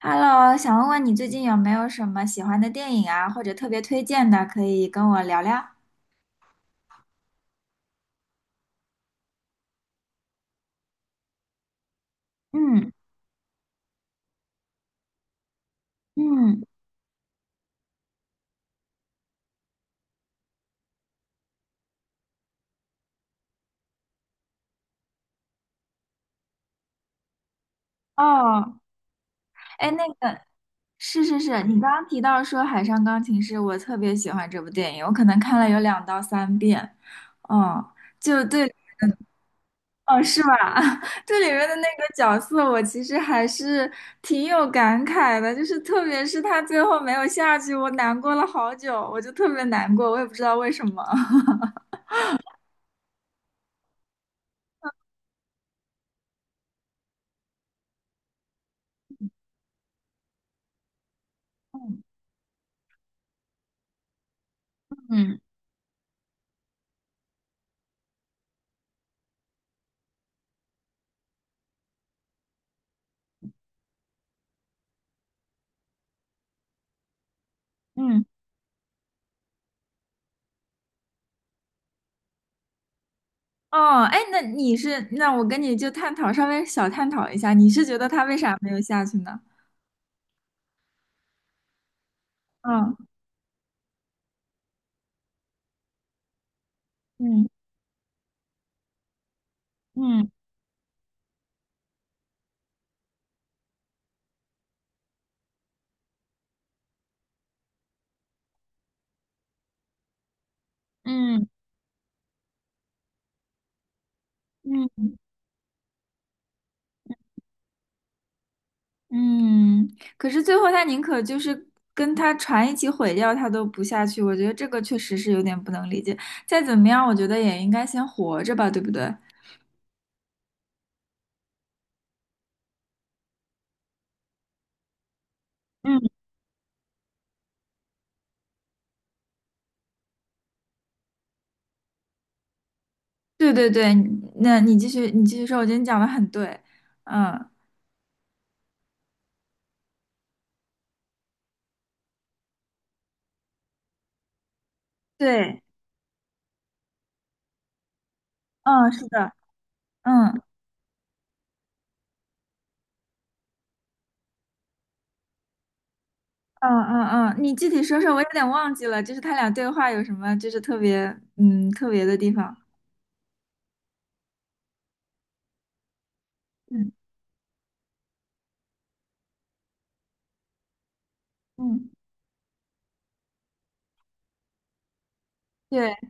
Hello，想问问你最近有没有什么喜欢的电影啊，或者特别推荐的，可以跟我聊聊？嗯嗯，哦，哎，那个是是是，你刚刚提到说《海上钢琴师》，我特别喜欢这部电影，我可能看了有两到三遍。哦，就对，哦，是吧？这里面的那个角色，我其实还是挺有感慨的，就是特别是他最后没有下去，我难过了好久，我就特别难过，我也不知道为什么。嗯嗯。哦，哎，那你是，那我跟你就探讨，稍微小探讨一下，你是觉得他为啥没有下去呢？嗯嗯嗯嗯嗯嗯，可是最后他宁可就是跟他船一起毁掉，他都不下去，我觉得这个确实是有点不能理解。再怎么样，我觉得也应该先活着吧，对不对？嗯，对对对，那你继续，你继续说，我觉得你讲的很对。嗯，对，嗯，是的，嗯。嗯嗯嗯，你具体说说，我有点忘记了，就是他俩对话有什么，就是特别特别的地方。嗯嗯，对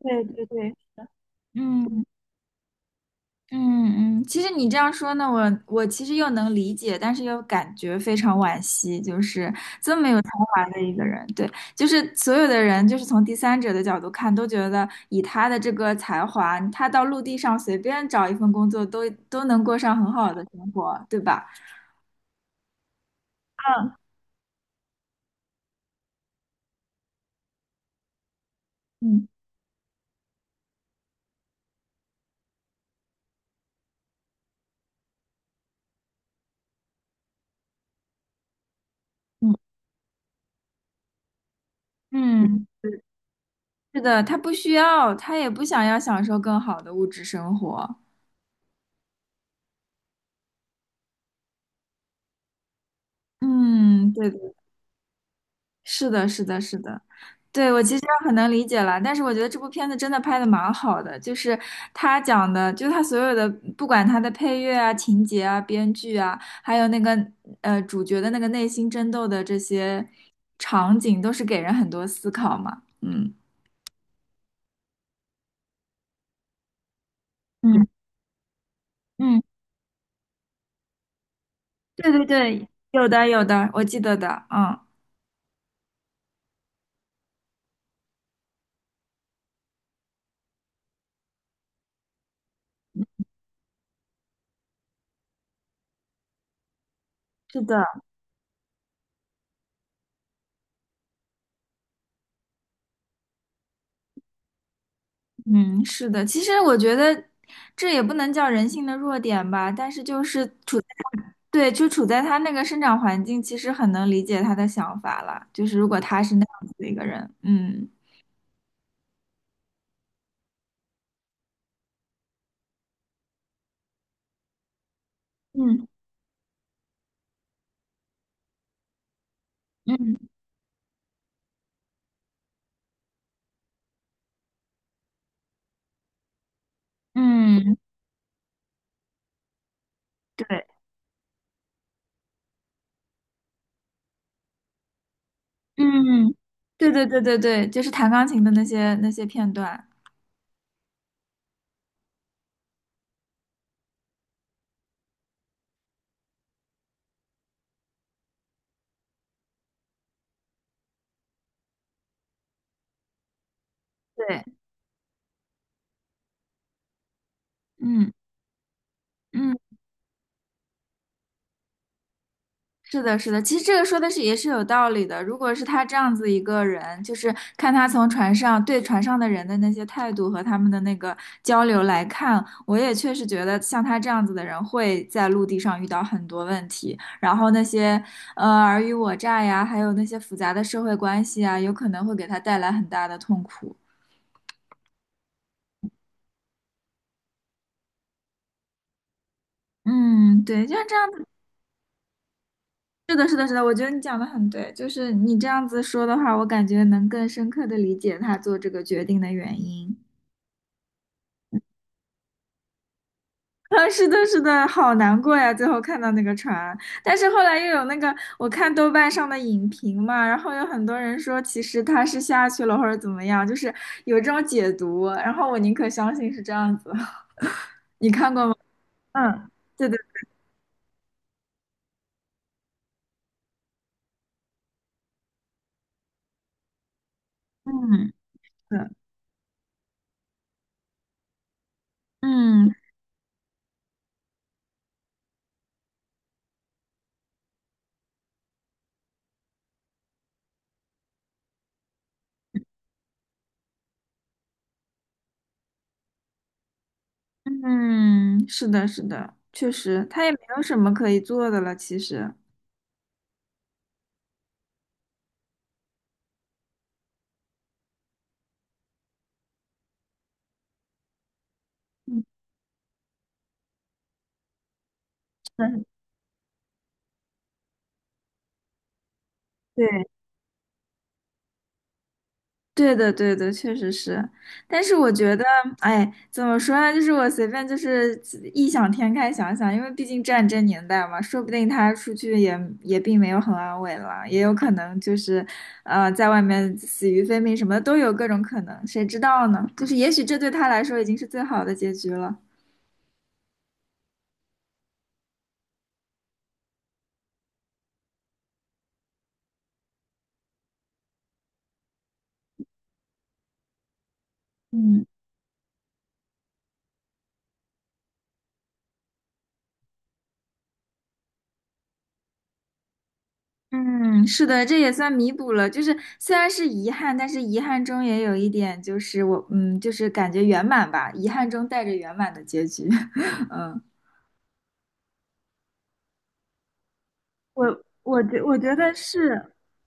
对对对，嗯嗯嗯，其实你这样说呢，我其实又能理解，但是又感觉非常惋惜，就是这么有才华的一个人，对，就是所有的人，就是从第三者的角度看，都觉得以他的这个才华，他到陆地上随便找一份工作都能过上很好的生活，对吧？嗯嗯嗯。嗯是的，他不需要，他也不想要享受更好的物质生活。嗯，对的，是的，是的，是的，对，我其实很能理解了，但是我觉得这部片子真的拍的蛮好的，就是他讲的，就是他所有的，不管他的配乐啊、情节啊、编剧啊，还有那个主角的那个内心争斗的这些场景，都是给人很多思考嘛。嗯嗯嗯，对对对，有的有的，我记得的，嗯，是的。嗯，是的，其实我觉得这也不能叫人性的弱点吧，但是就是处在对，就处在他那个生长环境，其实很能理解他的想法了。就是如果他是那样子的一个人，嗯嗯嗯嗯，对，嗯，对对对对对，就是弹钢琴的那些片段，对，嗯嗯。是的，是的，其实这个说的是也是有道理的。如果是他这样子一个人，就是看他从船上对船上的人的那些态度和他们的那个交流来看，我也确实觉得像他这样子的人会在陆地上遇到很多问题，然后那些尔虞我诈呀，还有那些复杂的社会关系啊，有可能会给他带来很大的痛苦。嗯，对，像这样子，是的，是的，是的，我觉得你讲的很对，就是你这样子说的话，我感觉能更深刻的理解他做这个决定的原因。啊，是的，是的，好难过呀！最后看到那个船，但是后来又有那个，我看豆瓣上的影评嘛，然后有很多人说其实他是下去了或者怎么样，就是有这种解读，然后我宁可相信是这样子。你看过吗？嗯对对，嗯，是，嗯嗯，是的，是的，确实，他也没有什么可以做的了，其实。嗯，是的对。对的，对的，确实是，但是我觉得，哎，怎么说呢？就是我随便就是异想天开想想，因为毕竟战争年代嘛，说不定他出去也并没有很安稳了，也有可能就是，在外面死于非命什么的都有各种可能，谁知道呢？就是也许这对他来说已经是最好的结局了。嗯。嗯，是的，这也算弥补了。就是虽然是遗憾，但是遗憾中也有一点，就是我，嗯，就是感觉圆满吧，遗憾中带着圆满的结局。嗯。我觉得是，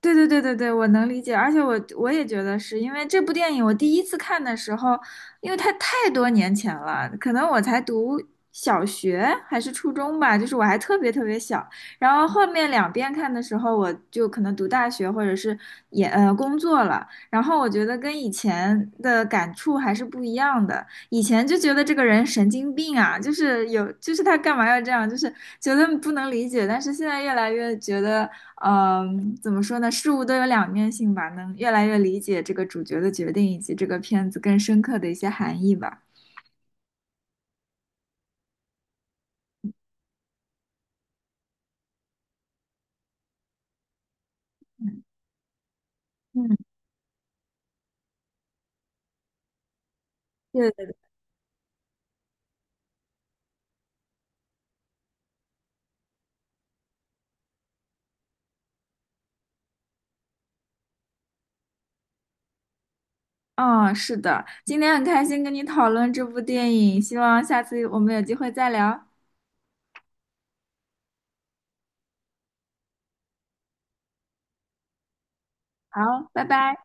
对对对对对，我能理解，而且我也觉得是因为这部电影，我第一次看的时候，因为它太多年前了，可能我才读小学还是初中吧，就是我还特别特别小。然后后面两遍看的时候，我就可能读大学或者是也工作了，然后我觉得跟以前的感触还是不一样的。以前就觉得这个人神经病啊，就是有，就是他干嘛要这样，就是觉得不能理解。但是现在越来越觉得，嗯、怎么说呢，事物都有两面性吧，能越来越理解这个主角的决定以及这个片子更深刻的一些含义吧。嗯，嗯，对的，嗯，是的，今天很开心跟你讨论这部电影，希望下次我们有机会再聊。好，拜拜。